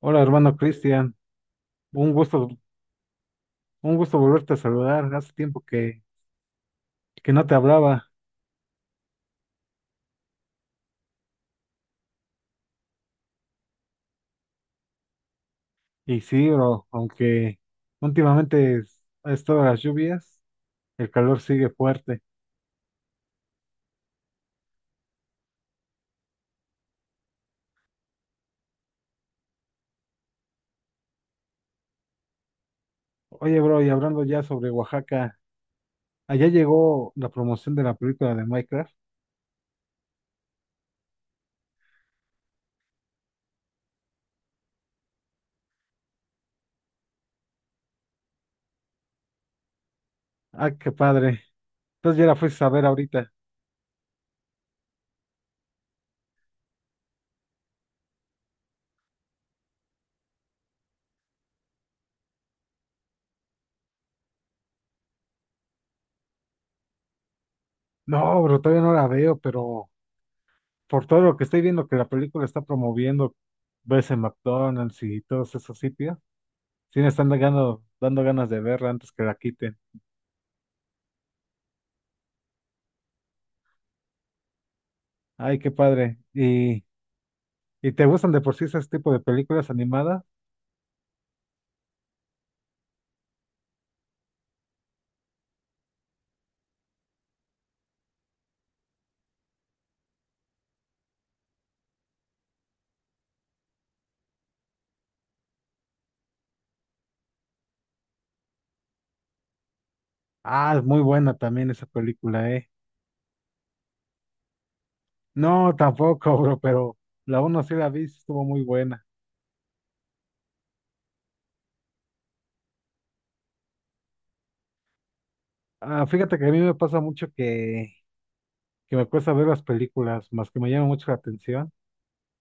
Hola, hermano Cristian. Un gusto, un gusto volverte a saludar. Hace tiempo que no te hablaba. Y sí, bro, aunque últimamente ha estado las lluvias, el calor sigue fuerte. Oye, bro, y hablando ya sobre Oaxaca, allá llegó la promoción de la película de Minecraft. Ah, qué padre. Entonces ya la fuiste a ver ahorita. No, bro, todavía no la veo, pero por todo lo que estoy viendo que la película está promoviendo, ves en McDonald's y todos esos sitios. Sí me están dando ganas de verla antes que la quiten. Ay, qué padre. Y te gustan de por sí ese tipo de películas animadas? Ah, es muy buena también esa película, ¿eh? No, tampoco, bro, pero la uno sí la vi, sí estuvo muy buena. Ah, fíjate que a mí me pasa mucho que me cuesta ver las películas, más que me llama mucho la atención,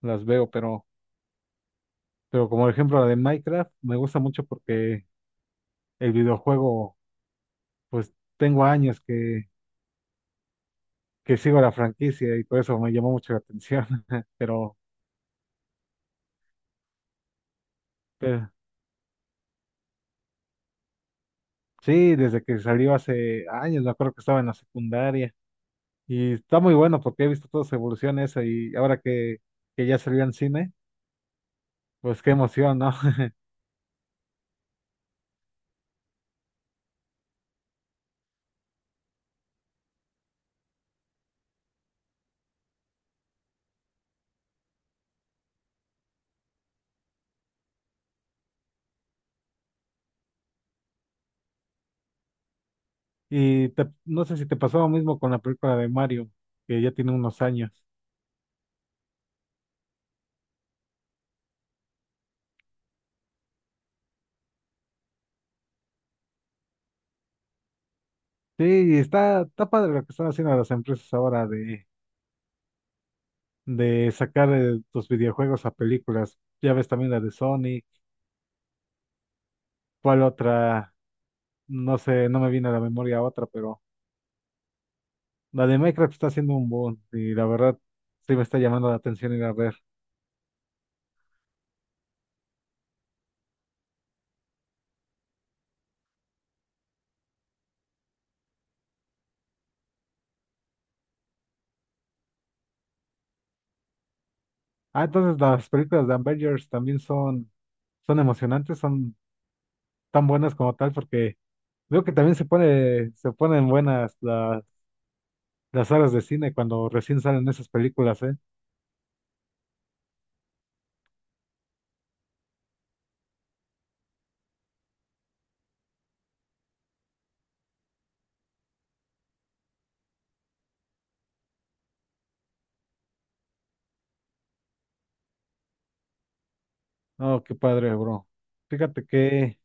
las veo, pero como por ejemplo la de Minecraft, me gusta mucho porque el videojuego, pues tengo años que sigo la franquicia y por eso me llamó mucho la atención. Pero, pero sí, desde que salió hace años, me acuerdo que estaba en la secundaria. Y está muy bueno porque he visto toda su evolución esa y ahora que ya salió en cine, pues qué emoción, ¿no? Y no sé si te pasó lo mismo con la película de Mario, que ya tiene unos años. Sí, y está, está padre lo que están haciendo las empresas ahora de sacar tus videojuegos a películas. Ya ves también la de Sony, cuál otra. No sé, no me viene a la memoria otra, pero la de Minecraft está haciendo un boom y la verdad sí me está llamando la atención ir a ver. Ah, entonces las películas de Avengers también son, son emocionantes, son tan buenas como tal, porque veo que también se pone, se ponen buenas las salas de cine cuando recién salen esas películas, ¿eh? Oh, qué padre, bro. Fíjate que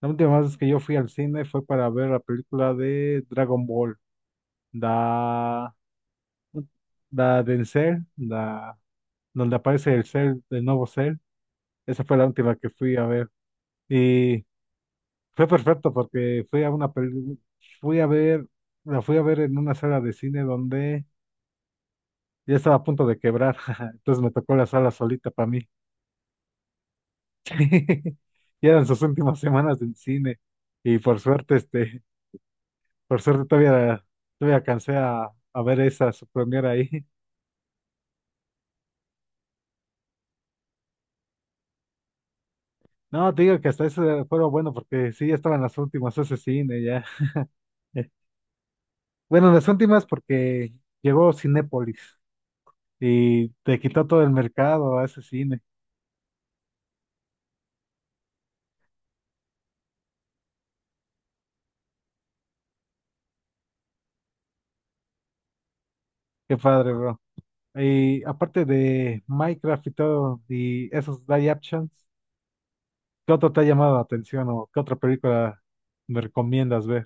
la última vez que yo fui al cine fue para ver la película de Dragon Ball, da, da Denzel, da donde aparece el Cell, el nuevo Cell. Esa fue la última que fui a ver. Y fue perfecto porque fui a una fui a ver, la fui a ver en una sala de cine donde ya estaba a punto de quebrar. Entonces me tocó la sala solita para mí. Y eran sus últimas semanas en cine. Y por suerte, este, por suerte todavía, todavía alcancé a ver esa su premiere ahí. No, te digo que hasta eso fue lo bueno porque sí, ya estaban las últimas ese cine ya. Bueno, las últimas porque llegó Cinépolis y te quitó todo el mercado a ese cine. Qué padre, bro. Y aparte de Minecraft y todo, y esos live actions, ¿qué otro te ha llamado la atención o qué otra película me recomiendas ver?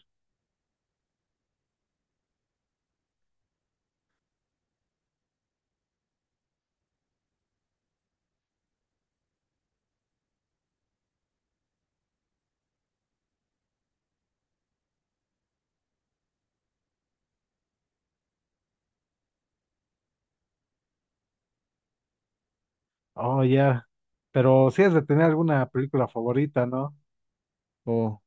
Oh, ya. Pero si es de tener alguna película favorita, ¿no? O,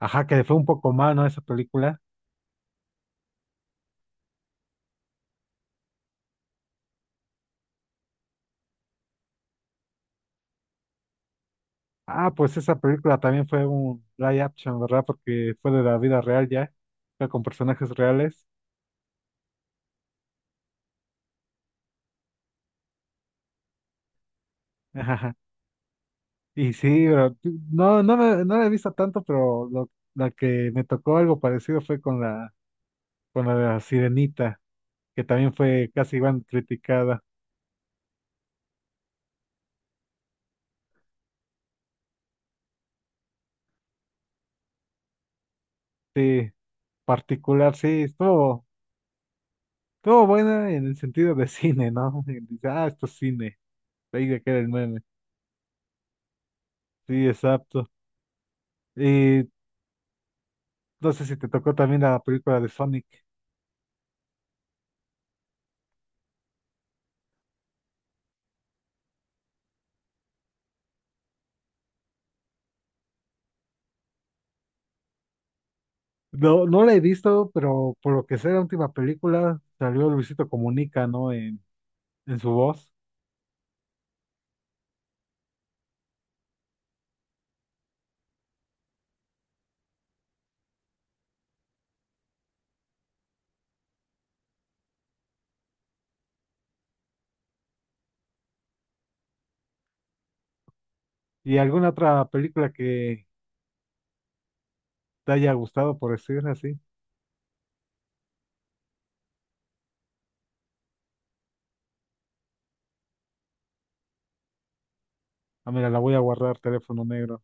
ajá, que le fue un poco mal, ¿no? Esa película. Ah, pues esa película también fue un live action, ¿verdad? Porque fue de la vida real ya. Fue con personajes reales. Y sí, pero no, me no la he visto tanto, pero lo, la que me tocó algo parecido fue con la de la Sirenita, que también fue casi igual criticada. Sí, particular, sí, estuvo, estuvo buena en el sentido de cine, ¿no? Y dice, ah, esto es cine, ahí de que era el meme. Sí, exacto. Y no sé si te tocó también la película de Sonic. No, no la he visto, pero por lo que sé, la última película salió Luisito Comunica, ¿no? En su voz. ¿Y alguna otra película que, te haya gustado, por decirlo así. Ah, mira, la voy a guardar, teléfono negro.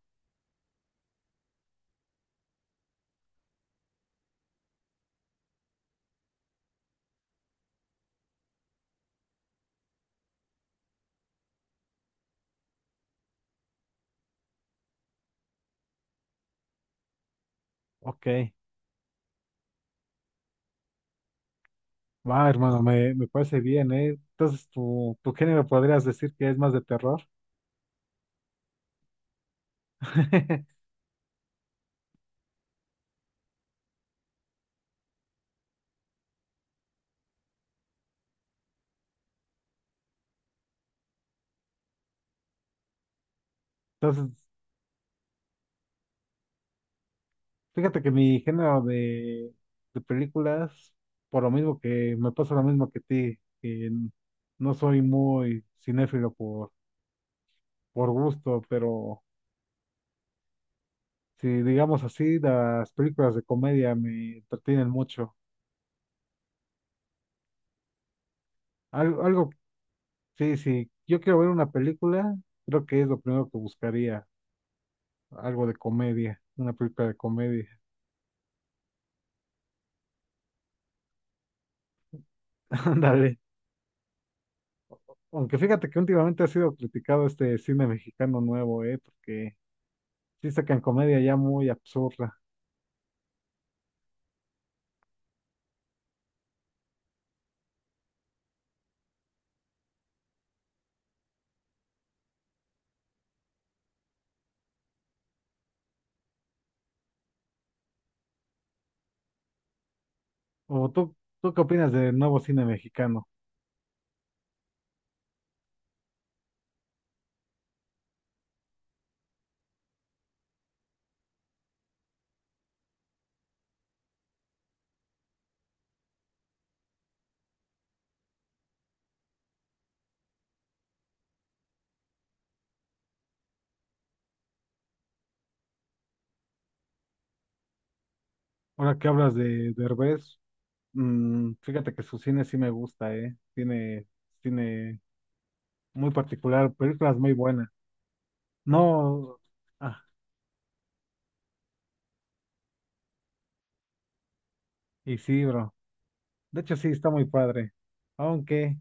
Ok, va, hermano, me parece bien, ¿eh? Entonces, tu género podrías decir que es más de terror. Entonces, fíjate que mi género de películas, por lo mismo que me pasa lo mismo que ti, que no soy muy cinéfilo por gusto, pero si digamos así, las películas de comedia me entretienen mucho. Algo, sí, sí, yo quiero ver una película, creo que es lo primero que buscaría, algo de comedia, una película de comedia. Ándale. Aunque fíjate que últimamente ha sido criticado este cine mexicano nuevo, porque sí sacan comedia ya muy absurda. ¿O tú qué opinas del nuevo cine mexicano? Ahora que hablas de Derbez, mm, fíjate que su cine sí me gusta, eh. Tiene cine muy particular, películas muy buenas. No, ah, y sí, bro. De hecho, sí, está muy padre, aunque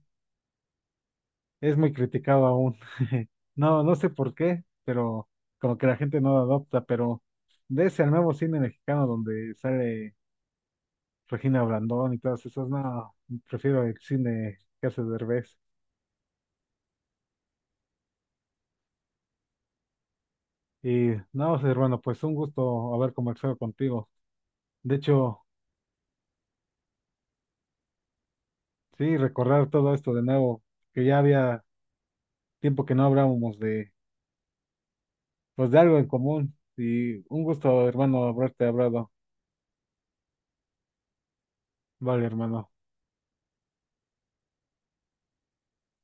es muy criticado aún. No, no sé por qué, pero como que la gente no lo adopta, pero de ese al nuevo cine mexicano donde sale Regina Blandón y todas esas, no, prefiero el cine que hace Derbez. Y no, sé, hermano, pues un gusto haber conversado contigo. De hecho, sí, recordar todo esto de nuevo, que ya había tiempo que no hablábamos de, pues de algo en común. Y un gusto, hermano, haberte hablado. Vale, hermano.